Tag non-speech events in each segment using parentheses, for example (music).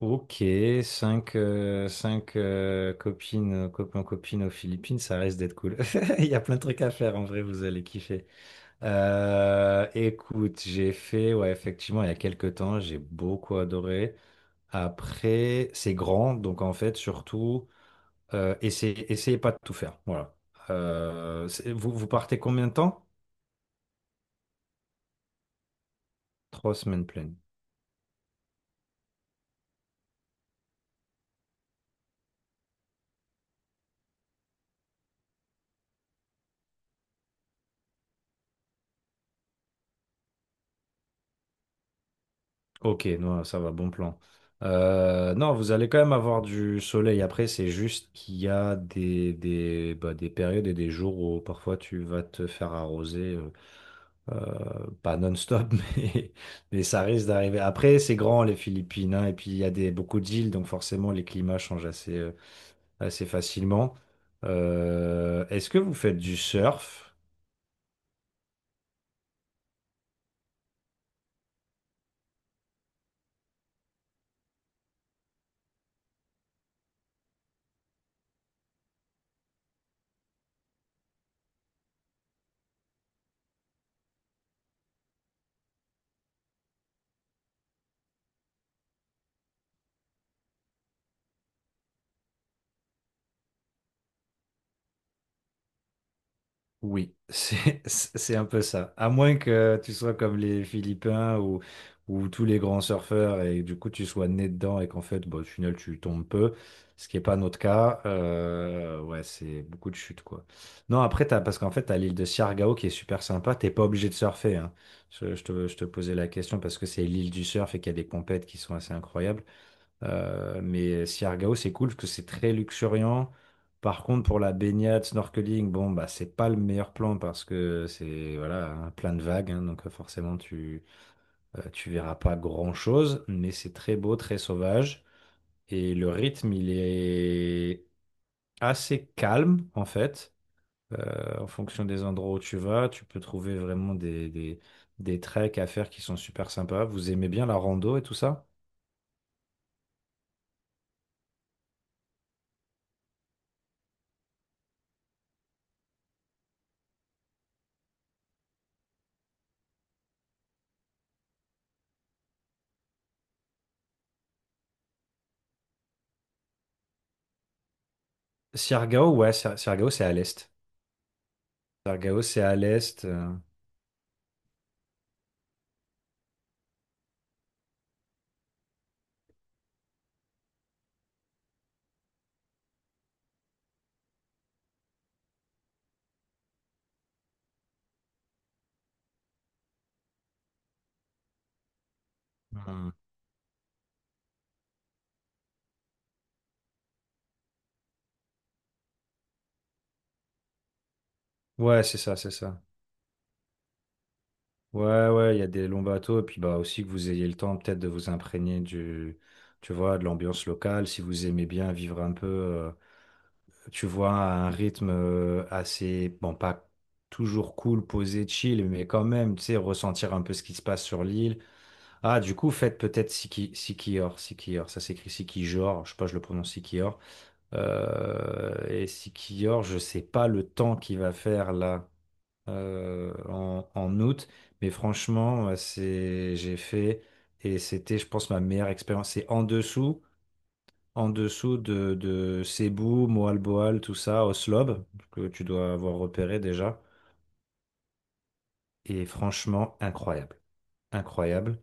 Ok, 5 cinq copines, copains, copines aux Philippines, ça reste d'être cool. (laughs) Il y a plein de trucs à faire, en vrai, vous allez kiffer. Écoute, j'ai fait, ouais, effectivement, il y a quelques temps, j'ai beaucoup adoré. Après, c'est grand, donc en fait, surtout, essayez pas de tout faire. Voilà. Vous partez combien de temps? 3 semaines pleines. Ok, non, ça va, bon plan. Non, vous allez quand même avoir du soleil. Après, c'est juste qu'il y a des périodes et des jours où parfois tu vas te faire arroser, pas non-stop, (laughs) mais, mais ça risque d'arriver. Après, c'est grand les Philippines, hein, et puis il y a beaucoup d'îles, donc forcément les climats changent assez facilement. Est-ce que vous faites du surf? Oui, c'est (laughs) c'est un peu ça. À moins que tu sois comme les Philippins ou tous les grands surfeurs et du coup tu sois né dedans et qu'en fait, bon, au final, tu tombes peu, ce qui n'est pas notre cas. Ouais, c'est beaucoup de chutes, quoi. Non, après, parce qu'en fait, tu as l'île de Siargao qui est super sympa. T'es pas obligé de surfer, hein. Je te posais la question parce que c'est l'île du surf et qu'il y a des compètes qui sont assez incroyables. Mais Siargao, c'est cool parce que c'est très luxuriant. Par contre, pour la baignade, snorkeling, bon, bah, c'est pas le meilleur plan parce que c'est voilà, un plein de vagues, hein, donc forcément tu verras pas grand-chose, mais c'est très beau, très sauvage et le rythme, il est assez calme en fait. En fonction des endroits où tu vas, tu peux trouver vraiment des treks à faire qui sont super sympas. Vous aimez bien la rando et tout ça? Siargao, ouais, Siargao, c'est à l'est. Siargao, c'est à l'est. Hmm. Ouais, c'est ça, c'est ça. Ouais, ouais, il y a des longs bateaux, et puis bah aussi que vous ayez le temps peut-être de vous imprégner du, tu vois, de l'ambiance locale, si vous aimez bien vivre un peu, tu vois, à un rythme assez, bon, pas toujours cool, posé, chill, mais quand même, tu sais, ressentir un peu ce qui se passe sur l'île. Ah, du coup, faites peut-être Sikior, Sikior, ça s'écrit Sikior, je sais pas, je le prononce Sikior. Et Sikior, je sais pas le temps qu'il va faire là en août. Mais franchement, j'ai fait et c'était, je pense, ma meilleure expérience. C'est en dessous de Cebu, Moalboal, tout ça, Oslob, que tu dois avoir repéré déjà. Et franchement, incroyable. Incroyable.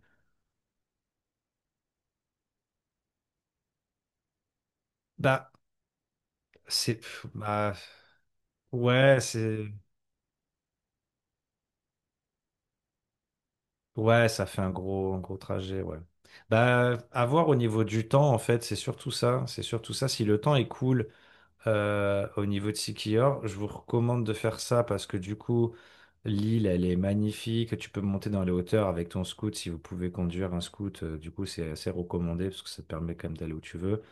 Bah, bah, ouais, c'est. Ouais, ça fait un gros trajet, ouais. Bah, à voir au niveau du temps, en fait, c'est surtout ça. C'est surtout ça. Si le temps est cool, au niveau de Siquijor. Je vous recommande de faire ça parce que du coup, l'île, elle est magnifique. Tu peux monter dans les hauteurs avec ton scoot si vous pouvez conduire un scoot. Du coup, c'est assez recommandé parce que ça te permet quand même d'aller où tu veux.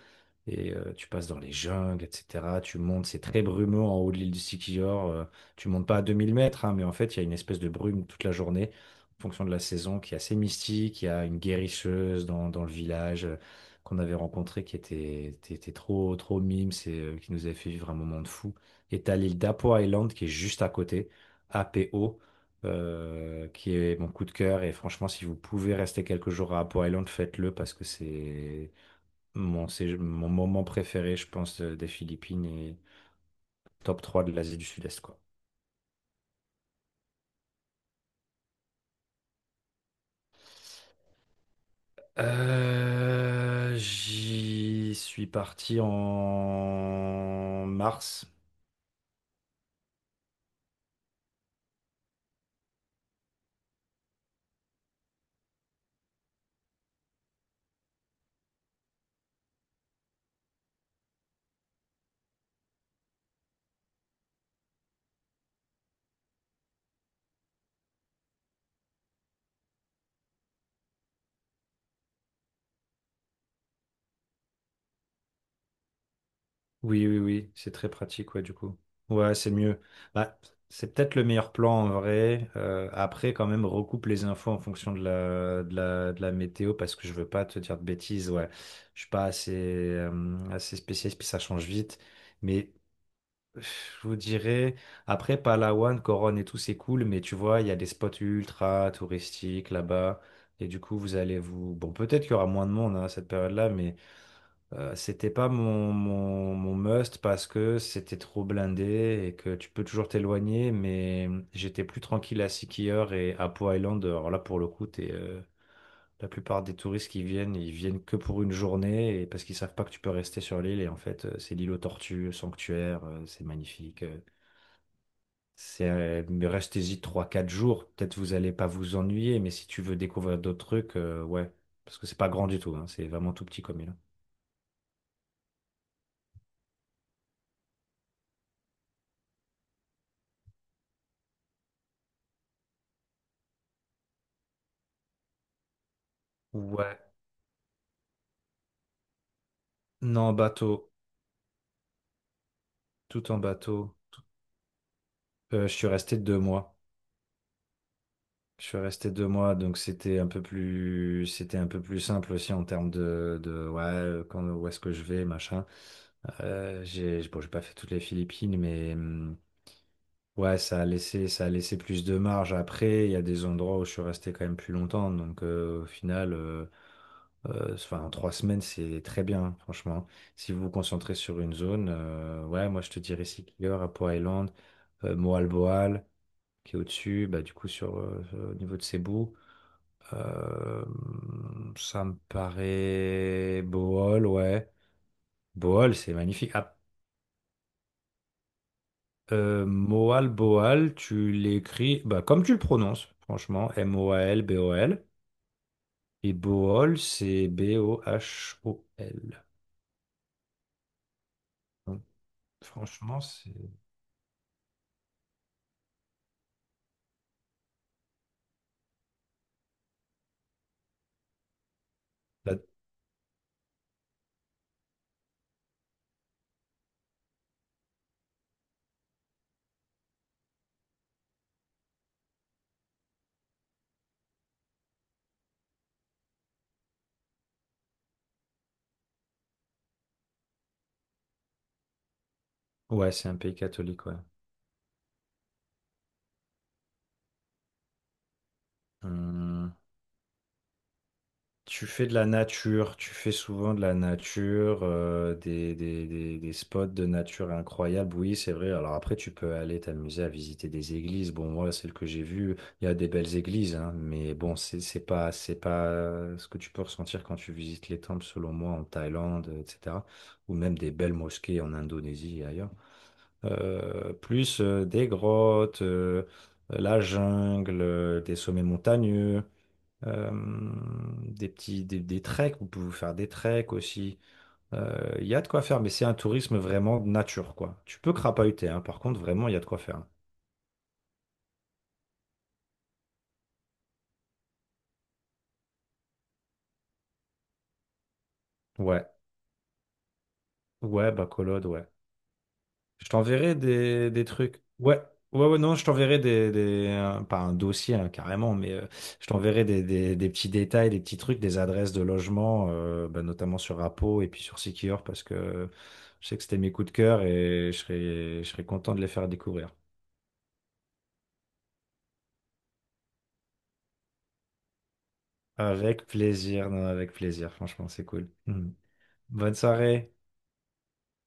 Et tu passes dans les jungles, etc. Tu montes, c'est très brumeux en haut de l'île du Sikihor. Tu montes pas à 2000 mètres, hein, mais en fait, il y a une espèce de brume toute la journée, en fonction de la saison, qui est assez mystique. Il y a une guérisseuse dans le village qu'on avait rencontrée qui était trop, trop mime, qui nous avait fait vivre un moment de fou. Et t'as l'île d'Apo Island qui est juste à côté, APO, qui est mon coup de cœur. Et franchement, si vous pouvez rester quelques jours à Apo Island, faites-le parce que c'est mon moment préféré, je pense, des Philippines et top 3 de l'Asie du Sud-Est, quoi. J'y suis parti en mars. Oui, oui, oui, c'est très pratique, ouais, du coup. Ouais, c'est mieux. Bah, c'est peut-être le meilleur plan en vrai. Après, quand même, recoupe les infos en fonction de la météo parce que je veux pas te dire de bêtises. Ouais, je suis pas assez spécialiste, puis ça change vite. Mais je vous dirais, après Palawan, Coron et tout, c'est cool, mais tu vois, il y a des spots ultra touristiques là-bas. Et du coup, vous allez vous... Bon, peut-être qu'il y aura moins de monde hein, à cette période-là, mais c'était pas mon must parce que c'était trop blindé et que tu peux toujours t'éloigner, mais j'étais plus tranquille à Sikihor et à Po Island. Alors là, pour le coup, la plupart des touristes qui viennent, ils viennent que pour une journée et parce qu'ils savent pas que tu peux rester sur l'île. Et en fait, c'est l'île aux tortues, sanctuaire, c'est magnifique. Mais restez-y 3-4 jours. Peut-être vous allez pas vous ennuyer, mais si tu veux découvrir d'autres trucs, ouais. Parce que c'est pas grand du tout, hein, c'est vraiment tout petit comme île. Ouais. Non, en bateau. Tout en bateau. Je suis resté 2 mois. Je suis resté deux mois, donc c'était un peu plus, c'était un peu plus simple aussi en termes de ouais, quand, où est-ce que je vais, machin. Bon, j'ai pas fait toutes les Philippines, mais. Ouais, ça a laissé plus de marge. Après, il y a des endroits où je suis resté quand même plus longtemps. Donc, au final, enfin, 3 semaines, c'est très bien, franchement. Si vous vous concentrez sur une zone, ouais, moi, je te dirais Sikigor, Apo Island, Moalboal, qui est au-dessus, bah, du coup, au niveau de Cebu. Euh, Ça me paraît... Bohol, ouais. Bohol, c'est magnifique. Ah, Moal Boal, tu l'écris bah, comme tu le prononces, franchement. M-O-A-L-B-O-L. Et Boal, c'est B-O-H-O-L. Donc, franchement. La- Ouais, c'est un pays catholique, ouais. Hum. Tu fais de la nature, tu fais souvent de la nature, des spots de nature incroyables, oui, c'est vrai. Alors après, tu peux aller t'amuser à visiter des églises. Bon, moi, celle que j'ai vue, il y a des belles églises, hein, mais bon, c'est pas ce que tu peux ressentir quand tu visites les temples, selon moi, en Thaïlande, etc. Ou même des belles mosquées en Indonésie et ailleurs. Plus des grottes, la jungle, des sommets montagneux. Euh, des treks, vous pouvez vous faire des treks aussi. Il y a de quoi faire, mais c'est un tourisme vraiment de nature, quoi. Tu peux crapahuter, hein. Par contre, vraiment, il y a de quoi faire. Ouais, ouais, bah Colode, ouais. Je t'enverrai des trucs. Ouais, ouais, ouais, non, je t'enverrai pas un dossier hein, carrément, mais je t'enverrai des petits détails, des petits trucs, des adresses de logement, bah, notamment sur Apo et puis sur Secure, parce que je sais que c'était mes coups de cœur et je serais content de les faire découvrir. Avec plaisir, non, avec plaisir, franchement, c'est cool. Mhm. Bonne soirée.